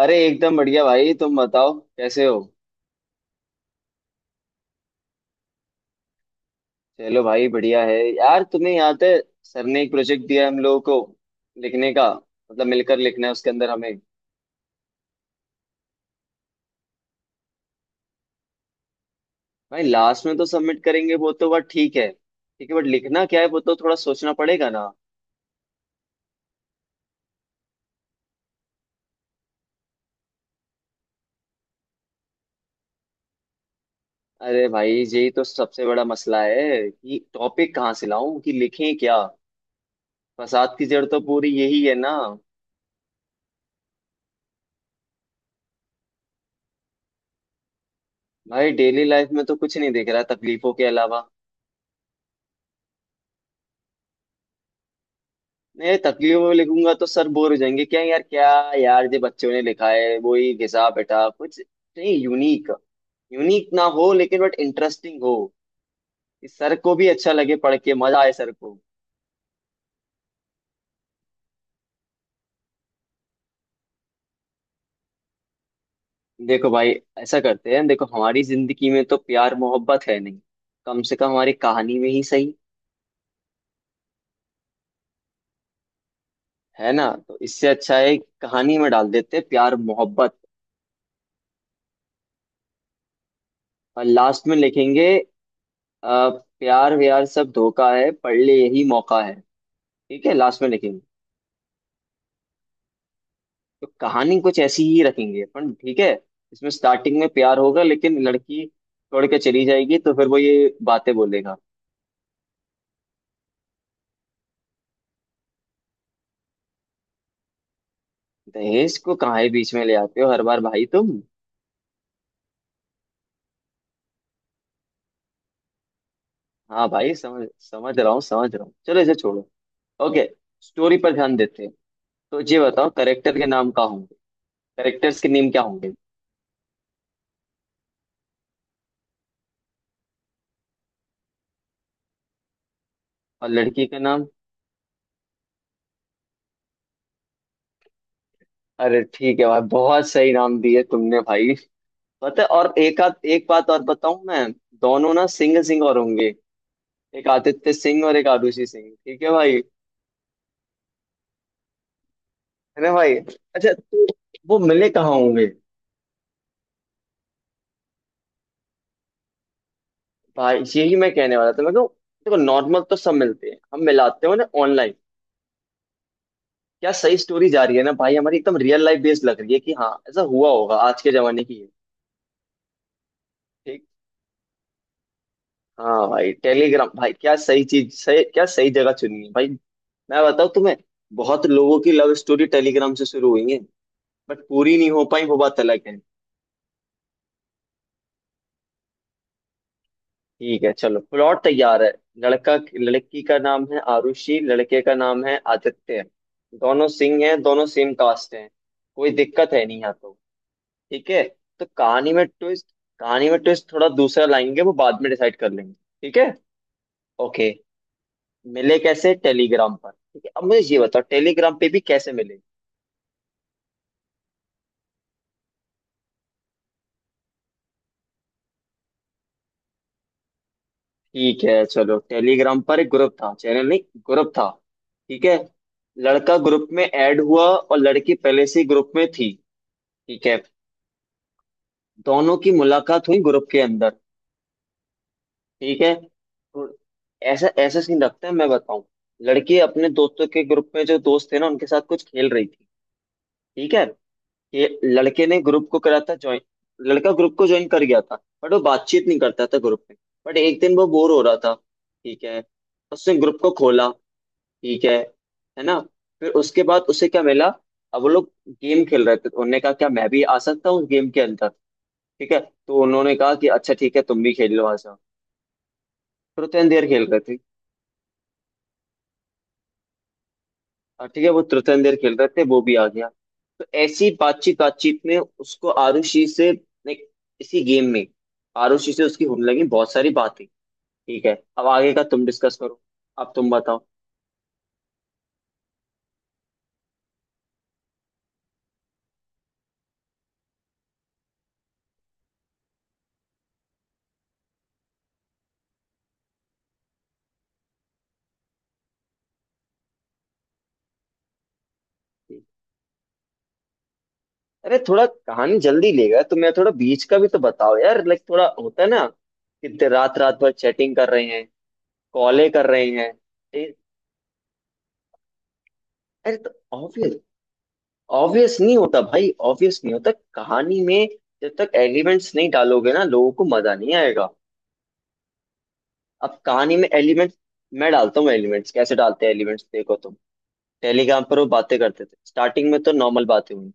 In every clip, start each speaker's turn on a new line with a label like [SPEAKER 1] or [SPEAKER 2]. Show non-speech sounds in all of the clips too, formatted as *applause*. [SPEAKER 1] अरे एकदम बढ़िया भाई, तुम बताओ कैसे हो। चलो भाई बढ़िया है यार। तुम्हें याद है सर ने एक प्रोजेक्ट दिया हम लोगों को लिखने का, मतलब मिलकर लिखना है उसके अंदर हमें। भाई लास्ट में तो सबमिट करेंगे, वो तो बात ठीक है, ठीक है, बट लिखना क्या है वो तो थोड़ा सोचना पड़ेगा ना। अरे भाई यही तो सबसे बड़ा मसला है कि टॉपिक कहाँ से लाऊं, कि लिखें क्या। फसाद की जड़ तो पूरी यही है ना। भाई डेली लाइफ में तो कुछ नहीं दिख रहा तकलीफों के अलावा। नहीं, तकलीफ में लिखूंगा तो सर बोर हो जाएंगे क्या यार। क्या यार, जो बच्चों ने लिखा है वही घिसा बैठा कुछ। नहीं, यूनिक। यूनिक ना हो लेकिन बट इंटरेस्टिंग हो, कि सर को भी अच्छा लगे, पढ़ के मजा आए सर को। देखो भाई ऐसा करते हैं, देखो हमारी जिंदगी में तो प्यार मोहब्बत है नहीं, कम से कम हमारी कहानी में ही सही। है ना, तो इससे अच्छा है कहानी में डाल देते हैं प्यार मोहब्बत। और लास्ट में लिखेंगे अ, प्यार व्यार सब धोखा है, पढ़ ले यही मौका है। ठीक है, लास्ट में लिखेंगे। तो कहानी कुछ ऐसी ही रखेंगे अपन, ठीक है। इसमें स्टार्टिंग में प्यार होगा लेकिन लड़की छोड़ के चली जाएगी, तो फिर वो ये बातें बोलेगा। दहेज को कहाँ है बीच में ले आते हो हर बार भाई तुम। हाँ भाई, समझ समझ रहा हूँ चलो इसे छोड़ो। ओके, स्टोरी पर ध्यान देते हैं। तो ये बताओ करेक्टर के नाम क्या होंगे? करेक्टर्स के नेम क्या होंगे? और लड़की का नाम? अरे ठीक है भाई, बहुत सही नाम दिए तुमने भाई। पता है, और एक आध एक बात और बताऊं मैं? दोनों ना सिंगल सिंगल होंगे। एक आदित्य सिंह और एक आरुषि सिंह, ठीक है भाई? है ना भाई। अच्छा तो वो मिले कहाँ होंगे? भाई यही मैं कहने वाला था, मैं कहूँ देखो नॉर्मल तो सब मिलते हैं, हम मिलाते हो ना ऑनलाइन। क्या सही स्टोरी जा रही है ना भाई, हमारी एकदम रियल लाइफ बेस्ड लग रही है, कि हाँ ऐसा हुआ होगा, आज के जमाने की है। ठीक। हाँ भाई टेलीग्राम, भाई क्या सही चीज, सही, क्या सही जगह चुनी है भाई। मैं बताऊँ तुम्हें, बहुत लोगों की लव स्टोरी टेलीग्राम से शुरू हुई है। बट पूरी नहीं हो पाई, वो बात अलग है। ठीक है, चलो प्लॉट तैयार है। लड़का, लड़की का नाम है आरुषि, लड़के का नाम है आदित्य। दोनों सिंह हैं, दोनों सेम कास्ट हैं। कोई दिक्कत है नहीं यहाँ तो। ठीक है। तो कहानी में ट्विस्ट, कहानी में ट्विस्ट थोड़ा दूसरा लाएंगे, वो बाद में डिसाइड कर लेंगे। ठीक है। ओके। मिले कैसे, टेलीग्राम पर। ठीक है, अब मुझे ये बताओ टेलीग्राम पे भी कैसे मिले। ठीक है, चलो टेलीग्राम पर एक ग्रुप था, चैनल नहीं, ग्रुप था। ठीक है। लड़का ग्रुप में ऐड हुआ और लड़की पहले से ग्रुप में थी। ठीक है। दोनों की मुलाकात हुई ग्रुप के अंदर। ठीक है, तो ऐसा ऐसा सीन रखते हैं, मैं बताऊं। लड़की अपने दोस्तों के ग्रुप में, जो दोस्त थे ना उनके साथ कुछ खेल रही थी। ठीक है। ये लड़के ने ग्रुप को करा था ज्वाइन। लड़का ग्रुप को ज्वाइन कर गया था, बट वो बातचीत नहीं करता था ग्रुप में। बट एक दिन वो बोर हो रहा था। ठीक है। उसने ग्रुप को खोला। ठीक है ना। फिर उसके बाद उसे क्या मिला। अब वो लोग गेम खेल रहे थे, तो उन्होंने कहा क्या मैं भी आ सकता हूँ उस गेम के अंदर। ठीक है। तो उन्होंने कहा कि अच्छा ठीक है, तुम भी खेल लो आ जाओ। तुरंतन देर खेल रहे थे। और ठीक है, वो तुरंतन देर खेल रहे थे, वो भी आ गया। तो ऐसी बातचीत बातचीत में उसको आरुषि से इसी गेम में आरुषि से उसकी होने लगी बहुत सारी बातें। ठीक है, अब आगे का तुम डिस्कस करो। अब तुम बताओ। अरे थोड़ा कहानी जल्दी लेगा तो, मैं थोड़ा बीच का भी तो बताओ यार, लाइक थोड़ा होता है ना कि रात रात भर चैटिंग कर रहे हैं, कॉले कर रहे हैं। ए- अरे तो ऑब्वियस ऑब्वियस नहीं होता भाई, ऑब्वियस नहीं होता कहानी में। जब तक एलिमेंट्स नहीं डालोगे ना लोगों को मजा नहीं आएगा। अब कहानी में एलिमेंट्स मैं डालता हूँ एलिमेंट्स। कैसे डालते हैं एलिमेंट्स, देखो तुम। टेलीग्राम पर वो बातें करते थे, स्टार्टिंग में तो नॉर्मल बातें हुई।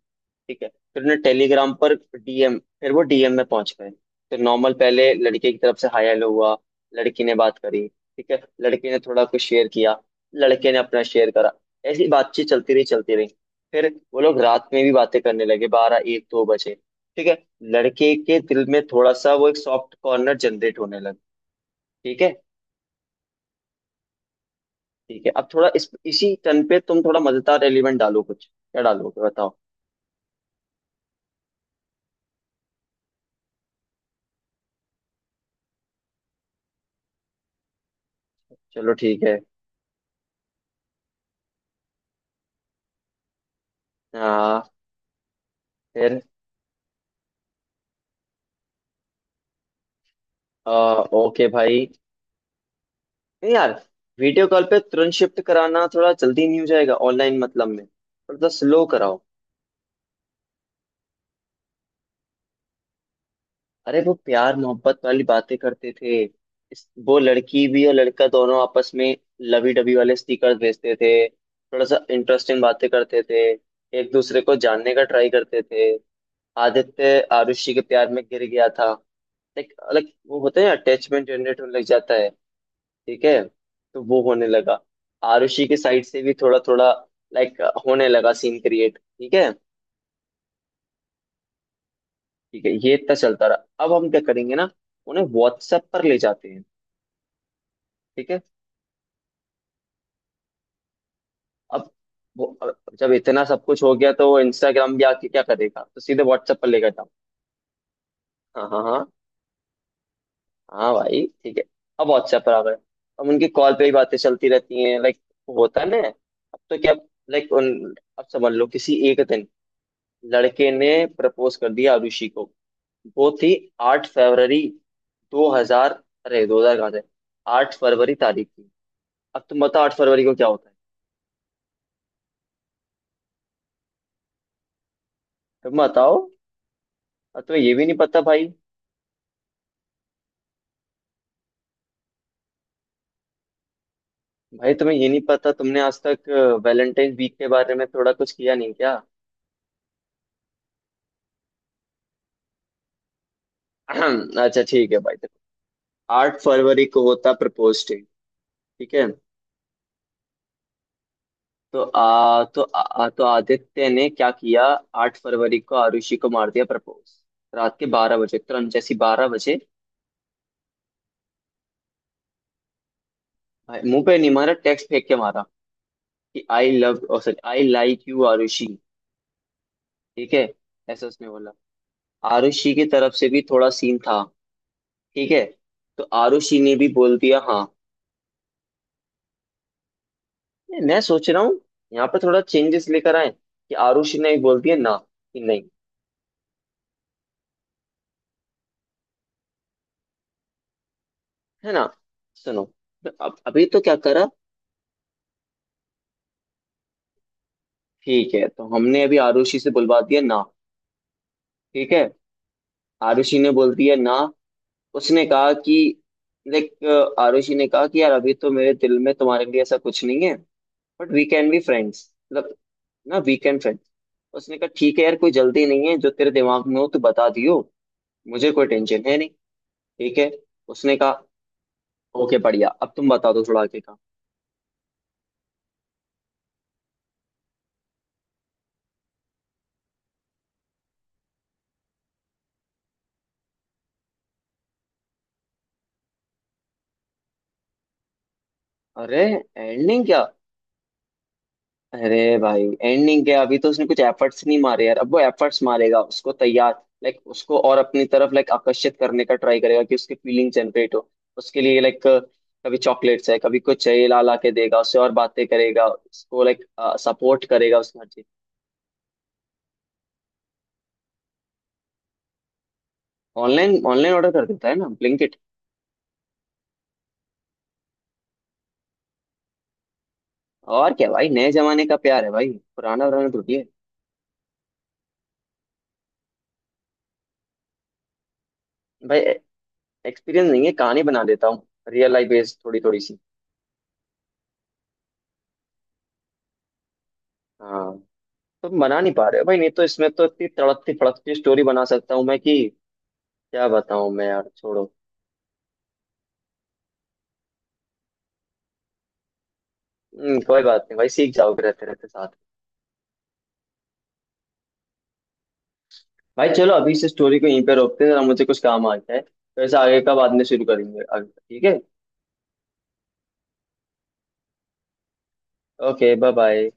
[SPEAKER 1] ठीक है। फिर उन्हें टेलीग्राम पर डीएम, फिर वो डीएम में पहुंच गए। तो नॉर्मल पहले लड़के की तरफ से हाय हेलो हुआ। लड़की ने बात करी, ठीक है, लड़के ने थोड़ा कुछ शेयर किया। लड़के ने अपना शेयर करा, ऐसी बातचीत चलती रही, चलती रही। फिर वो लोग रात में भी बातें करने लगे, 12, 1, 2 बजे। ठीक है। लड़के के दिल में थोड़ा सा वो एक सॉफ्ट कॉर्नर जनरेट होने लगा। ठीक है। ठीक है, अब थोड़ा इस इसी टर्न पे तुम थोड़ा मजेदार एलिमेंट डालो, कुछ क्या डालोगे बताओ। चलो ठीक है। हाँ। फिर आ, ओके भाई, नहीं यार वीडियो कॉल पे तुरंत शिफ्ट कराना थोड़ा जल्दी नहीं हो जाएगा? ऑनलाइन मतलब में थोड़ा स्लो कराओ। अरे वो प्यार मोहब्बत वाली बातें करते थे। वो लड़की भी और लड़का दोनों आपस में लवी डबी वाले स्टिकर भेजते थे, थोड़ा सा इंटरेस्टिंग बातें करते थे, एक दूसरे को जानने का ट्राई करते थे। आदित्य आरुषि के प्यार में गिर गया था। लाइक लाइक वो होता है, अटैचमेंट जनरेट होने लग जाता है। ठीक है। तो वो होने लगा। आरुषि के साइड से भी थोड़ा थोड़ा लाइक होने लगा, सीन क्रिएट। ठीक है। ठीक है, ये इतना चलता रहा। अब हम क्या करेंगे ना, उन्हें व्हाट्सएप पर ले जाते हैं। ठीक है। अब वो, अब जब इतना सब कुछ हो गया तो वो इंस्टाग्राम भी आके क्या करेगा, तो सीधे व्हाट्सएप पर लेकर जाओ। हाँ हाँ हाँ। हाँ भाई ठीक है, अब व्हाट्सएप पर आ गए। अब उनकी कॉल पे ही बातें चलती रहती हैं, लाइक होता है ना अब तो। क्या लाइक उन, अब समझ लो किसी एक दिन लड़के ने प्रपोज कर दिया आरुषि को। वो थी 8 फरवरी, 2000, अरे 2000 कहाँ से, 8 फरवरी तारीख थी। अब तुम बताओ 8 फरवरी को क्या होता है? तुम बताओ। अब तुम्हें ये भी नहीं पता भाई। भाई तुम्हें ये नहीं पता, तुमने आज तक वैलेंटाइन वीक के बारे में थोड़ा कुछ किया नहीं क्या? *clears throat* अच्छा ठीक है भाई, देखो 8 फरवरी को होता प्रपोज डे। ठीक है। तो आदित्य ने क्या किया, 8 फरवरी को आरुषि को मार दिया प्रपोज। रात के 12 बजे, तुरंत जैसी 12 बजे। भाई मुंह पे नहीं मारा, टेक्स्ट फेंक के मारा कि आई लव और sorry I like you Aarushi. ठीक है। ऐसा उसने बोला। आरुषि की तरफ से भी थोड़ा सीन था, ठीक है, तो आरुषि ने भी बोल दिया हाँ। मैं सोच रहा हूँ, यहाँ पर थोड़ा चेंजेस लेकर आए, कि आरुषि ने भी बोल दिया ना, कि नहीं। है ना, सुनो, तो अब अभी तो क्या करा। ठीक है, तो हमने अभी आरुषि से बुलवा दिया ना। ठीक है। आरुषि ने बोल दिया ना। उसने कहा कि लाइक, आरुषि ने कहा कि यार अभी तो मेरे दिल में तुम्हारे लिए ऐसा कुछ नहीं है, but we can be friends, मतलब ना वीकेंड पे। उसने कहा ठीक है यार, कोई जल्दी नहीं है, जो तेरे दिमाग में हो तो बता दियो, मुझे कोई टेंशन है नहीं। ठीक है, उसने कहा। ओके बढ़िया, अब तुम बता दो थोड़ा आगे का। अरे एंडिंग क्या, अरे भाई एंडिंग क्या, अभी तो उसने कुछ एफर्ट्स नहीं मारे यार। अब वो एफर्ट्स मारेगा, उसको तैयार, लाइक उसको और अपनी तरफ लाइक आकर्षित करने का ट्राई करेगा, कि उसकी फीलिंग जनरेट हो उसके लिए। लाइक कभी चॉकलेट्स है, कभी कुछ है, ये ला ला के देगा उससे, और बातें करेगा उसको, लाइक सपोर्ट करेगा उसमें। ऑनलाइन, ऑनलाइन ऑर्डर कर देता है ना ब्लिंकिट। और क्या भाई, नए जमाने का प्यार है भाई, पुराना पुराना थोड़ी है। भाई एक्सपीरियंस नहीं है, कहानी बना देता हूँ, रियल लाइफ बेस्ड थोड़ी थोड़ी सी। हाँ, तुम बना नहीं पा रहे हो भाई नहीं तो, इसमें तो इतनी तड़कती फड़कती स्टोरी बना सकता हूँ मैं कि क्या बताऊँ मैं यार, छोड़ो। कोई बात नहीं भाई, सीख जाओगे रहते रहते साथ। भाई चलो, अभी इस स्टोरी को यहीं पे रोकते हैं, जरा मुझे कुछ काम आ गया है, तो ऐसा आगे का बाद में शुरू करेंगे आगे का, ठीक है। Okay, bye bye.